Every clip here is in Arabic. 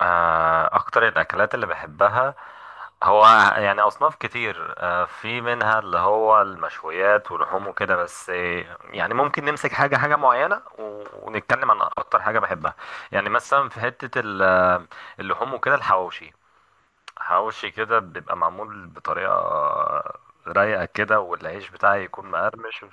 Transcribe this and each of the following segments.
اكتر الاكلات اللي بحبها هو يعني اصناف كتير، في منها اللي هو المشويات ولحوم وكده بس، يعني ممكن نمسك حاجه معينه ونتكلم عن اكتر حاجه بحبها. يعني مثلا في حته اللحوم وكده الحواوشي. حواوشي كده بيبقى معمول بطريقه، رايقه كده والعيش بتاعي يكون مقرمش.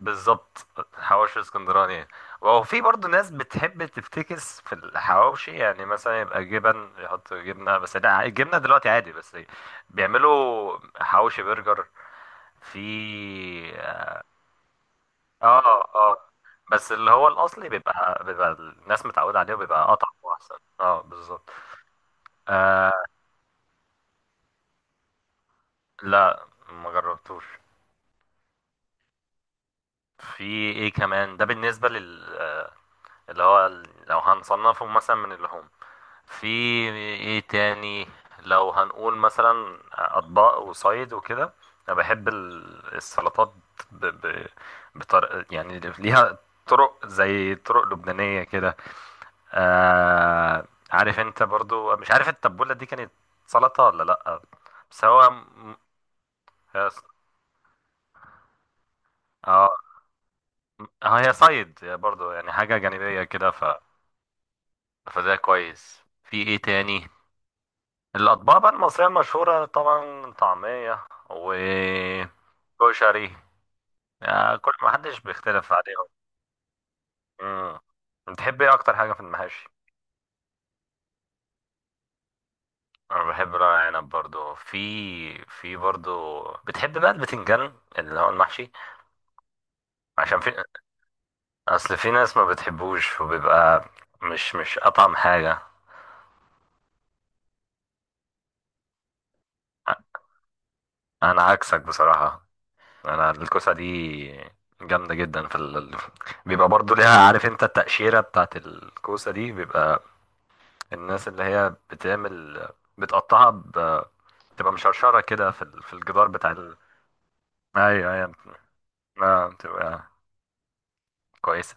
بالظبط، حواوشي اسكندراني يعني. وفي برضه ناس بتحب تفتكس في الحواوشي، يعني مثلا يبقى جبن يحط جبنه، بس لا الجبنه دلوقتي عادي، بس بيعملوا حواوشي برجر في. اه، اه، بس اللي هو الاصلي بيبقى الناس متعوده عليه وبيبقى اطعم واحسن. اه بالظبط. آه. لا، ما جربتوش. في ايه كمان ده بالنسبه لل اللي هو لو هنصنفه مثلا من اللحوم في ايه تاني؟ لو هنقول مثلا اطباق وصيد وكده، انا بحب السلطات. ب... ب... يعني ليها طرق، زي طرق لبنانية كده. عارف انت برضو، مش عارف التبولة دي كانت سلطة ولا لأ، بس هو هي ص- اه اه، هي صيد برضو يعني، حاجة جانبية كده. فده كويس. في ايه تاني؟ الأطباق بقى المصرية المشهورة طبعا طعمية وكشري، يعني كل ما حدش بيختلف عليهم. امم بتحب ايه أكتر حاجة في المحاشي؟ أنا بحب ورق عنب برضو، في في برضو بتحب بقى البتنجان اللي هو المحشي، عشان في أصل في ناس ما بتحبوش وبيبقى مش أطعم حاجة. أنا عكسك بصراحة، أنا الكوسة دي جامدة جدا. بيبقى برضو ليها، عارف انت التقشيرة بتاعت الكوسة دي، بيبقى الناس اللي هي بتعمل بتقطعها. بتبقى مشرشرة كده في في الجدار بتاع. ايوه ايوه، بتبقى كويسة.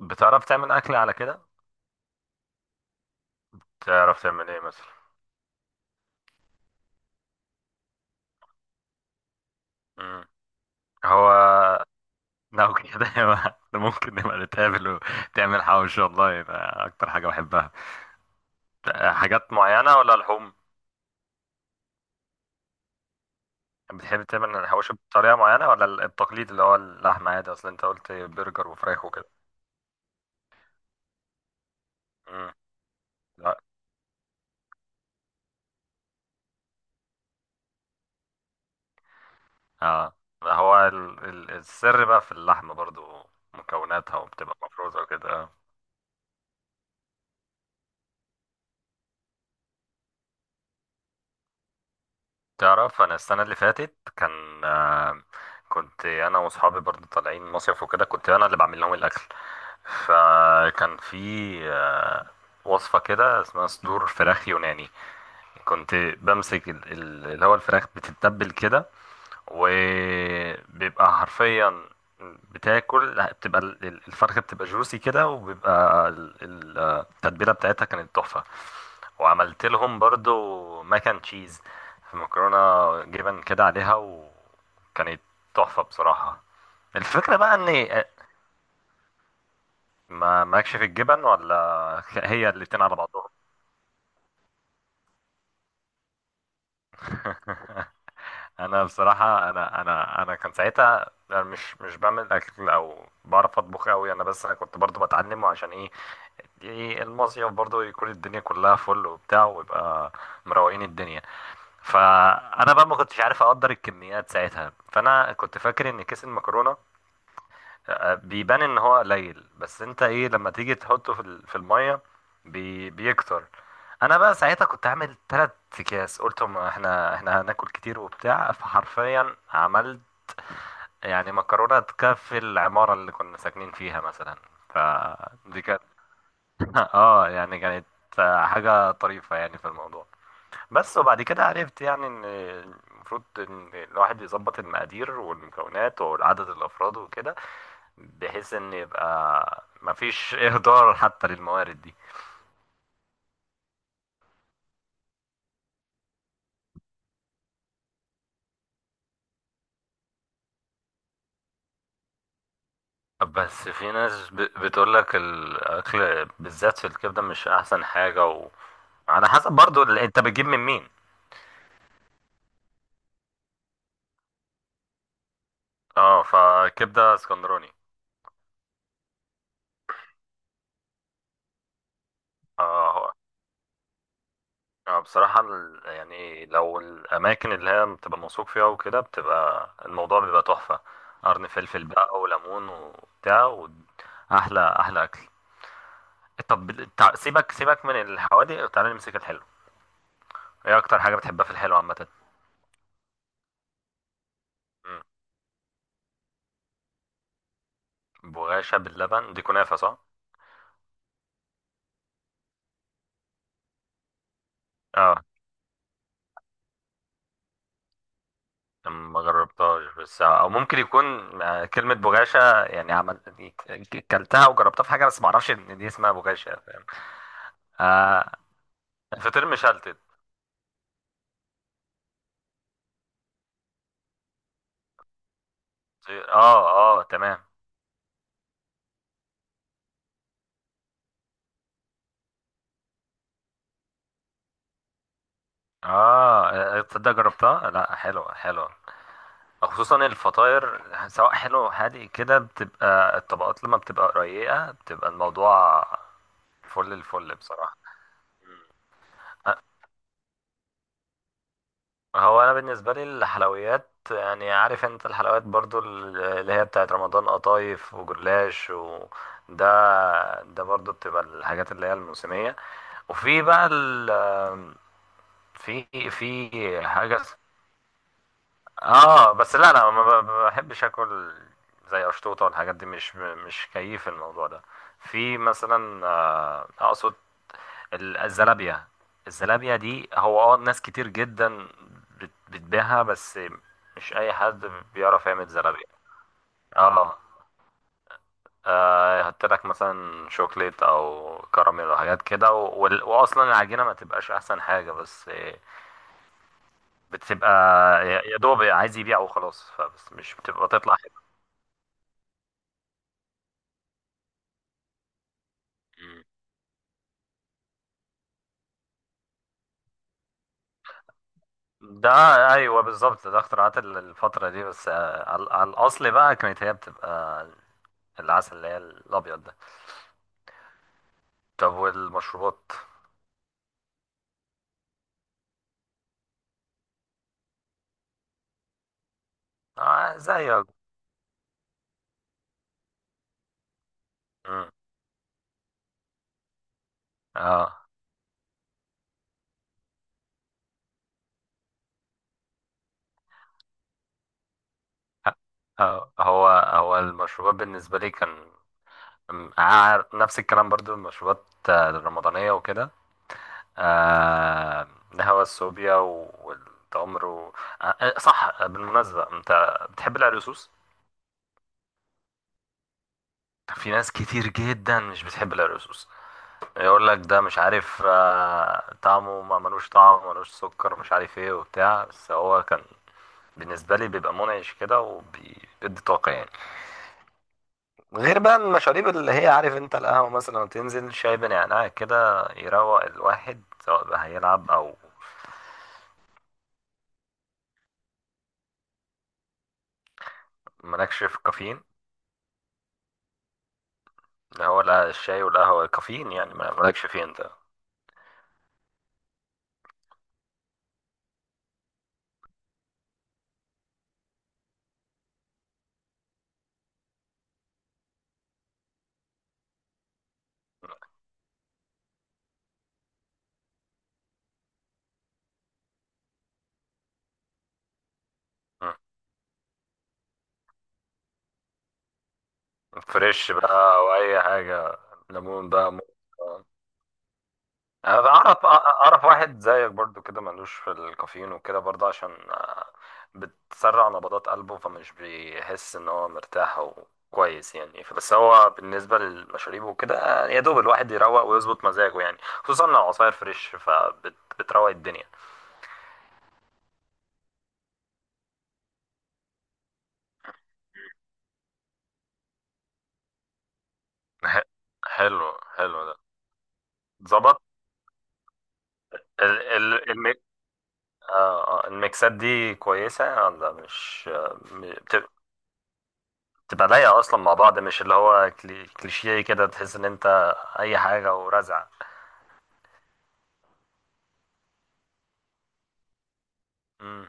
بتعرف تعمل أكل على كده؟ تعرف تعمل ايه مثلا؟ مم. هو لو كده يبقى ممكن نبقى نتقابل وتعمل حواوشي والله، يبقى أكتر حاجة بحبها. حاجات معينة ولا لحوم؟ بتحب تعمل الحواوشي بطريقة معينة، ولا التقليد اللي هو اللحمة عادي، أصل أنت قلت برجر وفراخ وكده؟ مم. اه، هو السر بقى في اللحمة برضو، مكوناتها وبتبقى مفروزة وكده آه. تعرف انا السنة اللي فاتت كان، كنت انا واصحابي برضو طالعين مصيف وكده، كنت انا اللي بعمل لهم الاكل، فكان في آه، وصفة كده اسمها صدور فراخ يوناني. كنت بمسك اللي هو الفراخ بتتبل كده، وبيبقى حرفيا بتاكل، بتبقى الفرخة بتبقى جوسي كده، وبيبقى التتبيلة بتاعتها كانت تحفة. وعملت لهم برضو ماكن تشيز، في مكرونة جبن كده عليها، وكانت تحفة بصراحة. الفكرة بقى ان، ما ماكش في الجبن ولا هي الاتنين على بعضهم. انا بصراحه، انا كان ساعتها أنا مش بعمل اكل او بعرف اطبخ قوي انا، بس انا كنت برضو بتعلمه، عشان ايه؟ ايه المصيف برضو يكون الدنيا كلها فل وبتاع، ويبقى مروقين الدنيا. فانا بقى ما كنتش عارف اقدر الكميات ساعتها، فانا كنت فاكر ان كيس المكرونه بيبان ان هو قليل، بس انت ايه لما تيجي تحطه في الميه بيكتر. انا بقى ساعتها كنت عامل تلات اكياس، قلت ما احنا هناكل كتير وبتاع، فحرفيا عملت يعني مكرونه تكفي العماره اللي كنا ساكنين فيها مثلا. فدي كانت اه يعني كانت حاجه طريفه يعني في الموضوع. بس وبعد كده عرفت يعني ان المفروض ان الواحد يظبط المقادير والمكونات وعدد الافراد وكده، بحيث ان يبقى مفيش اهدار حتى للموارد دي. بس في ناس بتقولك الاكل بالذات في الكبده مش احسن حاجه. على حسب برضو انت بتجيب من مين. اه، فكبده اسكندراني. اه، بصراحة يعني لو الأماكن اللي هي بتبقى موثوق فيها وكده، بتبقى الموضوع بيبقى تحفة. قرن فلفل بقى وليمون وبتاع، وأحلى أحلى أكل. طب سيبك من الحوادق وتعالى نمسك الحلو. إيه أكتر حاجة بتحبها في الحلو عامة؟ مم. بغاشة باللبن دي كنافة صح؟ اه، ما جربتهاش، بس او ممكن يكون، كلمة بغاشة يعني عمل كلتها وجربتها في حاجة، بس ما اعرفش ان دي اسمها بغاشة، فاهم؟ آه. فطير مشلتت. اه، اه تمام. اه، تصدق جربتها، لا حلوة حلوة، خصوصا الفطاير. سواء حلو حادق كده، بتبقى الطبقات لما بتبقى رقيقة، بتبقى الموضوع فل الفل بصراحة. مم. هو انا بالنسبة لي الحلويات، يعني عارف انت الحلويات برضو اللي هي بتاعت رمضان، قطايف وجلاش و ده ده برضو بتبقى الحاجات اللي هي الموسمية. وفي بقى ال في في حاجة. اه بس لا انا ما بحبش اكل زي اشطوطه والحاجات دي، مش كيف الموضوع ده. في مثلا، اقصد الزلابيه. الزلابيه دي هو اه ناس كتير جدا بتبيعها، بس مش اي حد بيعرف يعمل زلابيه. اه، يحط لك مثلا شوكليت او كراميل او حاجات كده، وال- واصلا العجينه ما تبقاش احسن حاجه، بس، بتبقى يا يا دوب عايز يبيع وخلاص، فبس مش بتبقى تطلع حلوة. ده ايوه بالظبط، ده اختراعات الفتره دي، بس، على على الاصل بقى كانت هي بتبقى العسل اللي هي الابيض ده. طب والمشروبات؟ آه زي مم. اه، هو المشروبات بالنسبه لي كان نفس الكلام برضو. المشروبات، الرمضانيه وكده، آه، الهوا الصوبيا والتمر. آه، صح بالمناسبه، انت بتحب العرقسوس؟ في ناس كتير جدا مش بتحب العرقسوس، يقول لك ده مش عارف، طعمه ما ملوش طعم، ملوش سكر، مش عارف ايه وبتاع، بس هو كان بالنسبة لي بيبقى منعش كده، وبيدي طاقة يعني. غير بقى المشاريب اللي هي عارف انت، القهوة مثلا تنزل شاي بنعناع كده، يروق الواحد سواء بقى هيلعب او مالكش في كافيين. اللي هو لا الشاي والقهوة كافيين يعني، ما- مالكش فيه انت؟ مم. فريش بقى او اي حاجة، ليمون بقى، موز. انا اعرف واحد زيك برضو كده ملوش في الكافيين وكده، برضو عشان، بتسرع نبضات قلبه، فمش بيحس ان هو مرتاح وكويس يعني. بس هو بالنسبه للمشاريب وكده، يا دوب الواحد يروق ويظبط مزاجه يعني، خصوصا لو عصاير فريش، فبتروق الدنيا. ح- حلو حلو ده. ظبط. ال ال الميكسات دي كويسه ولا مش؟ تبقى لايقة أصلا مع بعض، مش اللي هو كليشيه كده تحس إن أنت أي حاجة ورزع. مم.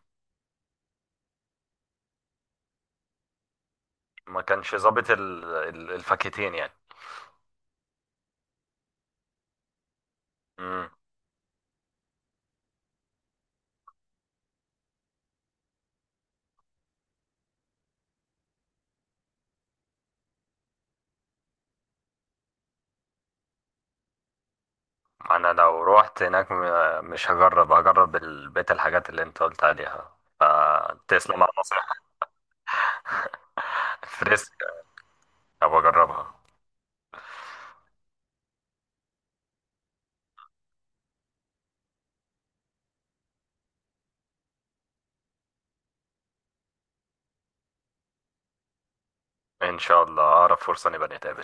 ما كانش ظابط الفاكهتين يعني. مم. أنا لو روحت هناك مش هجرب، هجرب بقية الحاجات اللي أنت قلت عليها، فتسلم على النصيحة. فريسك، أبقى أجربها. إن شاء الله أقرب فرصة نبقى نتقابل.